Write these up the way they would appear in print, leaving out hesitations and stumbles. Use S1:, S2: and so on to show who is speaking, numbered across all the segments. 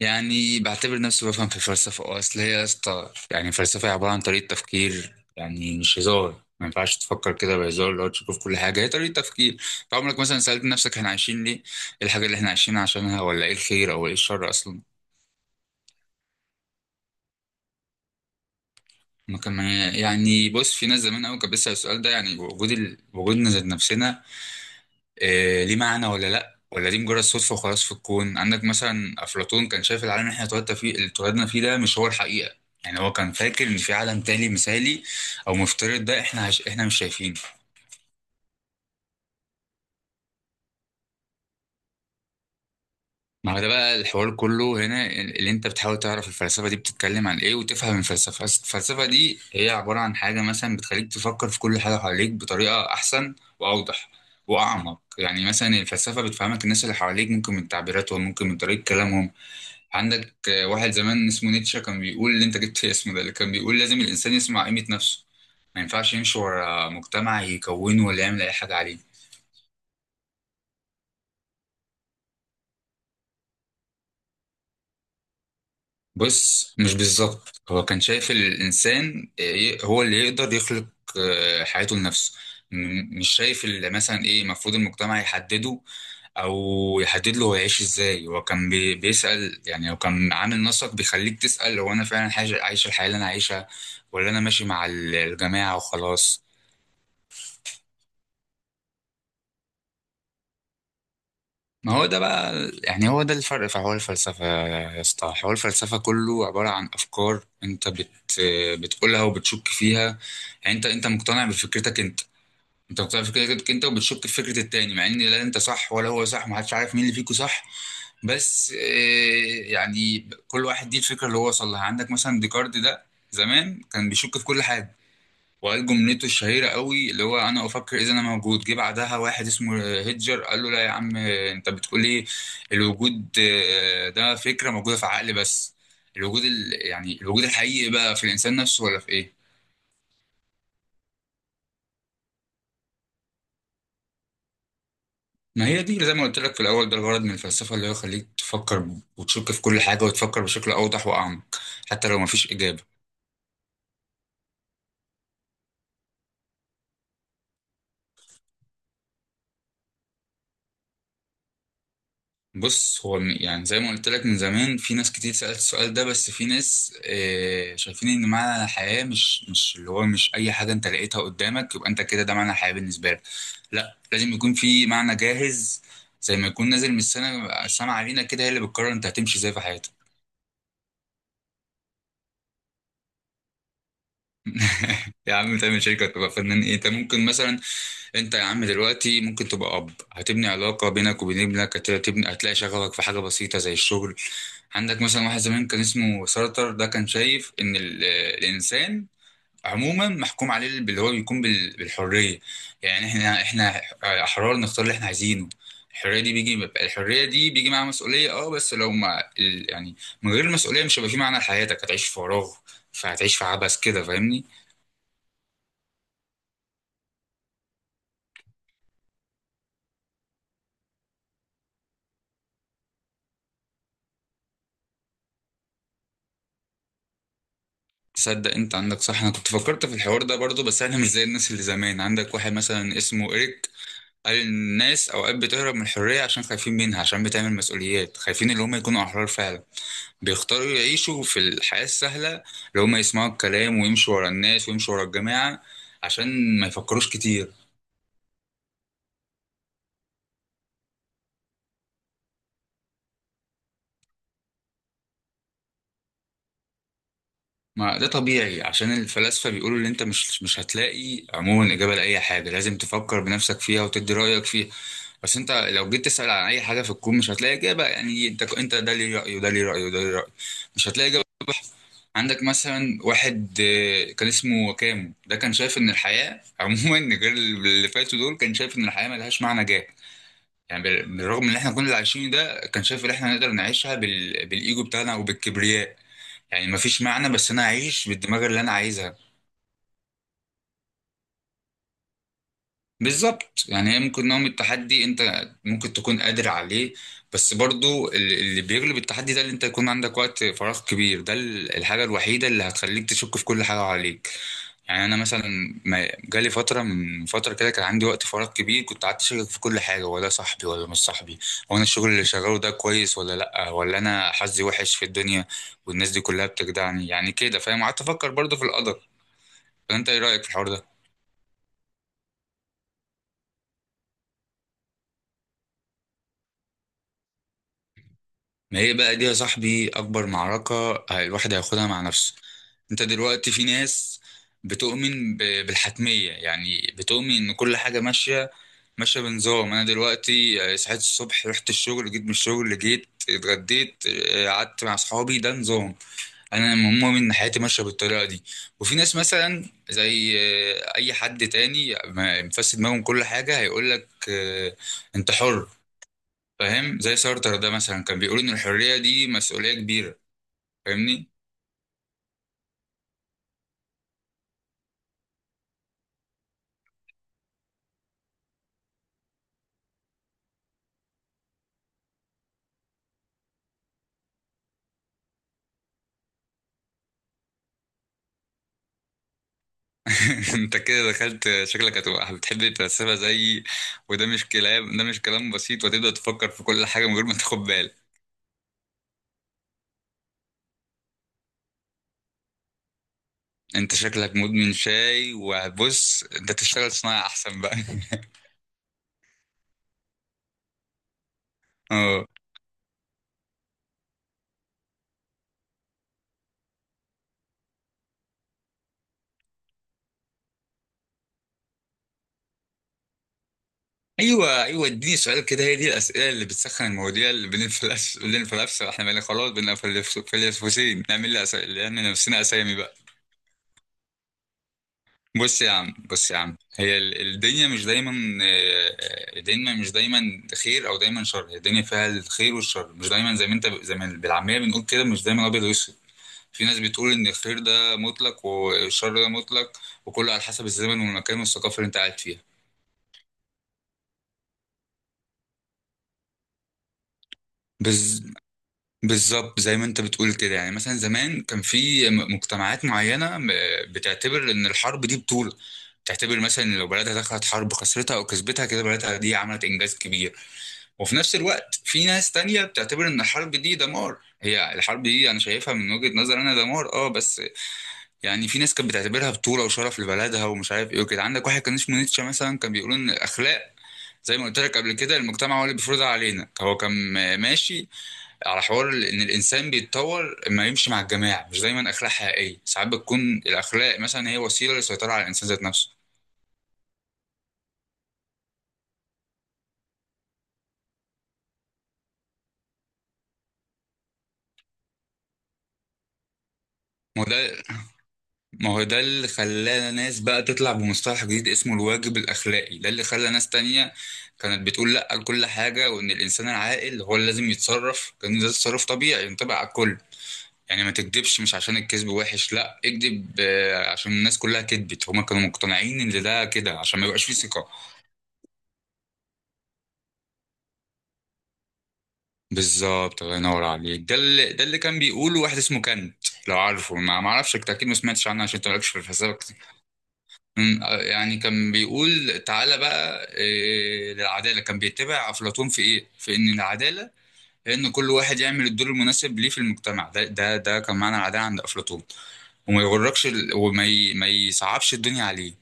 S1: يعني بعتبر نفسي بفهم في الفلسفة، اصل هي يا اسطى. يعني الفلسفة هي عبارة عن طريقة تفكير، يعني مش هزار، ما ينفعش تفكر كده بهزار، اللي هو تشوف كل حاجة هي طريقة تفكير. فعمرك مثلا سألت نفسك احنا عايشين ليه؟ ايه الحاجة اللي احنا عايشين عشانها؟ ولا ايه الخير او ايه الشر اصلا؟ ما كان. يعني بص، في ناس زمان قوي كانت بتسأل السؤال ده، يعني وجودنا ذات نفسنا، إيه، ليه معنى ولا لأ؟ ولا دي مجرد صدفة وخلاص في الكون؟ عندك مثلا أفلاطون كان شايف العالم اللي احنا اتولدنا فيه ده مش هو الحقيقة. يعني هو كان فاكر إن في عالم تاني مثالي أو مفترض، ده احنا احنا مش شايفينه. ما هو ده بقى الحوار كله، هنا اللي انت بتحاول تعرف الفلسفة دي بتتكلم عن ايه وتفهم الفلسفة. أصل الفلسفة دي هي عبارة عن حاجة مثلا بتخليك تفكر في كل حاجة حواليك بطريقة أحسن وأوضح وأعمق. يعني مثلا الفلسفة بتفهمك الناس اللي حواليك، ممكن من تعبيراتهم، ممكن من طريقة كلامهم. عندك واحد زمان اسمه نيتشه كان بيقول، اللي انت جبت اسمه ده، اللي كان بيقول لازم الانسان يسمع قيمة نفسه، ما ينفعش يمشي ورا مجتمع يكونه ولا يعمل اي حاجة عليه. بص، مش بالظبط. هو كان شايف الانسان هو اللي يقدر يخلق حياته لنفسه. مش شايف اللي مثلا ايه المفروض المجتمع يحدده او يحدد له، هو يعيش ازاي. هو كان بيسأل، يعني هو كان عامل نسق بيخليك تسأل، هو انا فعلا عايش عايش الحياة اللي انا عايشها، ولا انا ماشي مع الجماعة وخلاص؟ ما هو ده بقى، يعني هو ده الفرق في حوار الفلسفة يا اسطى. حوار الفلسفة كله عبارة عن أفكار أنت بتقولها وبتشك فيها. يعني أنت مقتنع بفكرتك أنت، أنت مقتنع بفكرتك أنت، وبتشك في فكرة التاني، مع إن لا أنت صح ولا هو صح، محدش عارف مين اللي فيكو صح. بس يعني كل واحد دي الفكرة اللي هو وصل لها. عندك مثلا ديكارت ده زمان كان بيشك في كل حاجة، وقال جملته الشهيرة قوي اللي هو، أنا أفكر إذا أنا موجود. جه بعدها واحد اسمه هيدجر قال له، لا يا عم، أنت بتقول إيه؟ الوجود ده فكرة موجودة في عقل بس. الوجود يعني الوجود الحقيقي بقى في الإنسان نفسه، ولا في إيه؟ ما هي دي زي ما قلت لك في الأول، ده الغرض من الفلسفة، اللي هو يخليك تفكر وتشك في كل حاجة وتفكر بشكل أوضح وأعمق، حتى لو مفيش إجابة. بص، هو يعني زي ما قلت لك من زمان في ناس كتير سألت السؤال ده، بس في ناس شايفين ان معنى الحياة مش اللي هو مش اي حاجة انت لقيتها قدامك يبقى انت كده ده معنى الحياة بالنسبة لك. لا، لازم يكون في معنى جاهز، زي ما يكون نازل من السما علينا كده، هي اللي بتقرر انت هتمشي ازاي في حياتك. يا عم تعمل شركة، تبقى فنان، ايه؟ انت ممكن مثلا، انت يا عم دلوقتي ممكن تبقى اب، هتبني علاقة بينك وبين ابنك، هتبني، هتلاقي شغفك في حاجة بسيطة زي الشغل. عندك مثلا واحد زمان كان اسمه سارتر، ده كان شايف ان الانسان عموما محكوم عليه باللي هو بيكون بالحريه. يعني احنا احرار نختار اللي احنا عايزينه. الحريه دي بيجي الحريه دي بيجي معاها مسؤوليه، اه، بس لو ما يعني من غير المسؤوليه مش هيبقى في معنى لحياتك، هتعيش في فراغ. فهتعيش في عبث كده، فاهمني؟ تصدق انت عندك صح، انا كنت فكرت في الحوار ده برضو، بس انا مش زي الناس اللي زمان. عندك واحد مثلا اسمه إيريك، قال الناس اوقات بتهرب من الحريه عشان خايفين منها، عشان بتعمل مسؤوليات، خايفين اللي هم يكونوا احرار فعلا. بيختاروا يعيشوا في الحياه السهله، اللي هم يسمعوا الكلام ويمشوا ورا الناس ويمشوا ورا الجماعه عشان ما يفكروش كتير. ما ده طبيعي، عشان الفلاسفه بيقولوا ان انت مش هتلاقي عموما اجابه لاي حاجه، لازم تفكر بنفسك فيها وتدي رايك فيها. بس انت لو جيت تسال عن اي حاجه في الكون مش هتلاقي اجابه. يعني انت ده ليه راي وده ليه راي وده ليه راي، مش هتلاقي إجابة. عندك مثلا واحد كان اسمه وكامو، ده كان شايف ان الحياه عموما، غير اللي فاتوا دول، كان شايف ان الحياه ملهاش معنى جاه. يعني بالرغم ان احنا كنا اللي عايشين، ده كان شايف ان احنا نقدر نعيشها بالايجو بتاعنا وبالكبرياء. يعني مفيش معنى، بس انا اعيش بالدماغ اللي انا عايزها. بالظبط، يعني هي ممكن نوع من التحدي، انت ممكن تكون قادر عليه. بس برضو اللي بيغلب التحدي ده اللي انت يكون عندك وقت فراغ كبير، ده الحاجة الوحيدة اللي هتخليك تشك في كل حاجة عليك. يعني انا مثلا ما جالي فترة من فترة كده كان عندي وقت فراغ كبير، كنت قعدت اشك في كل حاجة. هو ده صاحبي ولا مش صاحبي؟ هو انا الشغل اللي شغاله ده كويس ولا لا؟ ولا انا حظي وحش في الدنيا والناس دي كلها بتجدعني؟ يعني كده فاهم. قعدت افكر برضو في القدر. فانت ايه رأيك في الحوار ده؟ ما هي بقى دي يا صاحبي أكبر معركة الواحد هياخدها مع نفسه. أنت دلوقتي، في ناس بتؤمن بالحتمية، يعني بتؤمن إن كل حاجة ماشية بنظام. أنا دلوقتي صحيت الصبح، رحت الشغل، جيت من الشغل، جيت اتغديت، قعدت مع صحابي، ده نظام. أنا مؤمن إن حياتي ماشية بالطريقة دي. وفي ناس مثلا زي أي حد تاني مفسد دماغهم كل حاجة، هيقولك أنت حر، فاهم؟ زي سارتر ده مثلا كان بيقول ان الحريه دي مسؤوليه كبيره، فاهمني؟ انت كده دخلت، شكلك هتبقى بتحب تتسابق زي. وده مش كلام، ده مش كلام بسيط، وتبدا تفكر في كل حاجه من غير ما تاخد بالك. انت شكلك مدمن شاي. وبص، انت تشتغل صناعه احسن بقى. اه. ايوه ايوه، اديني سؤال كده، هي دي الاسئله اللي بتسخن المواضيع، اللي بنفلسف. احنا بقينا خلاص بنفلسفين، نعمل لنفسنا اسامي بقى. بص يا عم، بص يا عم، هي الدنيا مش دايما آه، خير او دايما شر. هي الدنيا فيها الخير والشر، مش دايما زي ما انت، زي ما بالعاميه بنقول كده، مش دايما ابيض واسود. في ناس بتقول ان الخير ده مطلق والشر ده مطلق، وكله على حسب الزمن والمكان والثقافه اللي انت قاعد فيها. بز... بالظبط، زي ما انت بتقول كده. يعني مثلا زمان كان في مجتمعات معينه بتعتبر ان الحرب دي بطوله، تعتبر مثلا إن لو بلدها دخلت حرب، خسرتها او كسبتها، كده بلدها دي عملت انجاز كبير. وفي نفس الوقت في ناس تانية بتعتبر ان الحرب دي دمار. هي الحرب دي انا شايفها من وجهة نظر انا دمار، اه، بس يعني في ناس كانت بتعتبرها بطولة وشرف لبلدها ومش عارف ايه وكده. عندك واحد كان اسمه نيتشه مثلا، كان بيقول ان الاخلاق، زي ما قلت لك قبل كده، المجتمع هو اللي بيفرضها علينا. هو كان ماشي على حوار ان الانسان بيتطور اما يمشي مع الجماعة، مش دايما اخلاق حقيقية. ساعات بتكون الاخلاق مثلا هي وسيلة للسيطرة على الانسان ذات نفسه. ما هو ده ما هو ده اللي خلى ناس بقى تطلع بمصطلح جديد اسمه الواجب الأخلاقي، ده اللي خلى ناس تانية كانت بتقول لأ لكل حاجة، وإن الإنسان العاقل هو اللي لازم يتصرف كان ده تصرف طبيعي ينطبق على الكل. يعني ما تكدبش مش عشان الكذب وحش، لأ، اكدب عشان الناس كلها كدبت. هما كانوا مقتنعين إن ده كده عشان ما يبقاش فيه ثقة. بالظبط، الله ينور عليك. ده اللي كان بيقوله واحد اسمه كانت، لو عارفه. ما اعرفش، انت اكيد ما سمعتش عنه عشان انت مالكش في الفلسفه. يعني كان بيقول تعالى بقى للعدالة. كان بيتبع أفلاطون في إيه؟ في إن العدالة هي إن كل واحد يعمل الدور المناسب ليه في المجتمع. ده كان معنى العدالة عند أفلاطون. وما يغركش ما يصعبش الدنيا عليك.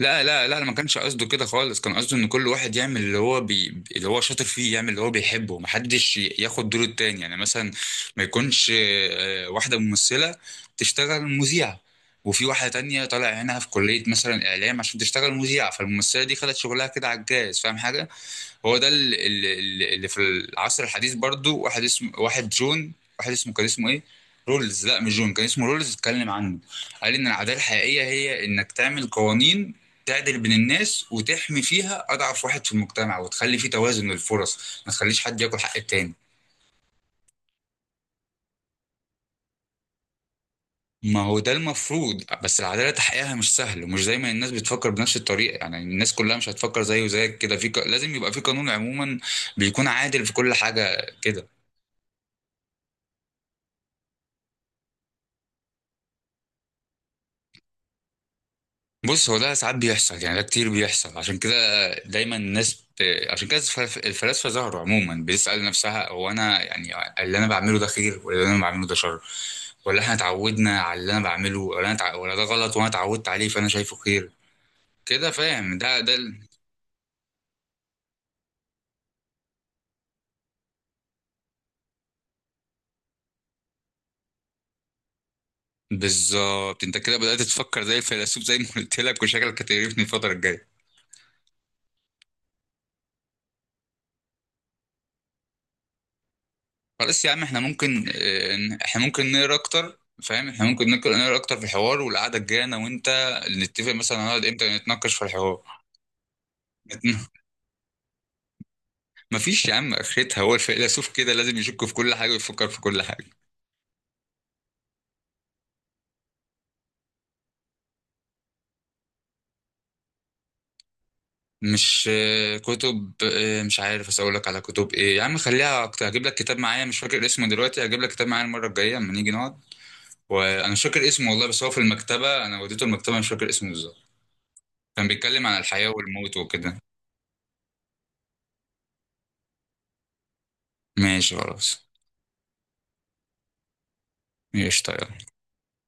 S1: لا لا لا، أنا ما كانش قصده كده خالص، كان قصده ان كل واحد يعمل اللي هو اللي هو شاطر فيه، يعمل اللي هو بيحبه، محدش ياخد دور التاني. يعني مثلا ما يكونش واحدة ممثلة تشتغل مذيعة وفي واحدة تانية طالع هنا في كلية مثلا إعلام عشان تشتغل مذيعة، فالممثلة دي خدت شغلها كده على الجاز، فاهم حاجة؟ هو ده اللي في العصر الحديث برضو. واحد اسمه، واحد جون، واحد اسمه، كان اسمه ايه، رولز. لا مش جون، كان اسمه رولز. اتكلم عنه، قال ان العداله الحقيقيه هي انك تعمل قوانين تعدل بين الناس وتحمي فيها اضعف واحد في المجتمع وتخلي فيه توازن للفرص، ما تخليش حد ياكل حق التاني. ما هو ده المفروض. بس العداله تحقيقها مش سهل ومش زي ما الناس بتفكر بنفس الطريقه، يعني الناس كلها مش هتفكر زي وزيك كده. لازم يبقى في قانون عموما بيكون عادل في كل حاجه كده. بص، هو ده ساعات بيحصل، يعني ده كتير بيحصل. عشان كده دايما الناس ب... عشان كده الفلاسفه ظهروا عموما بتسأل نفسها، هو انا يعني اللي انا بعمله ده خير ولا اللي انا بعمله ده شر؟ ولا احنا اتعودنا على اللي انا بعمله؟ ولا انا ولا ده غلط وانا اتعودت عليه فانا شايفه خير؟ كده فاهم بالظبط، انت كده بدأت تفكر زي الفيلسوف زي ما قلت لك، وشكلك هتقرفني الفتره الجايه. خلاص يا عم، احنا ممكن احنا ممكن نقرا اكتر، فاهم؟ احنا ممكن نقرا اكتر في الحوار والقعده الجايه انا وانت، نتفق مثلا هنقعد امتى نتناقش في الحوار. مفيش يا عم اخرتها، هو الفيلسوف كده لازم يشك في كل حاجه ويفكر في كل حاجه. مش كتب مش عارف. بس اقول لك على كتب ايه يا عم، خليها اكتر. هجيب لك كتاب معايا، مش فاكر اسمه دلوقتي، هجيب لك كتاب معايا المره الجايه لما نيجي نقعد. وانا مش فاكر اسمه والله، بس هو في المكتبه، انا وديته المكتبه، مش فاكر اسمه بالظبط. كان بيتكلم عن الحياه والموت وكده. ماشي خلاص. ماشي طيب.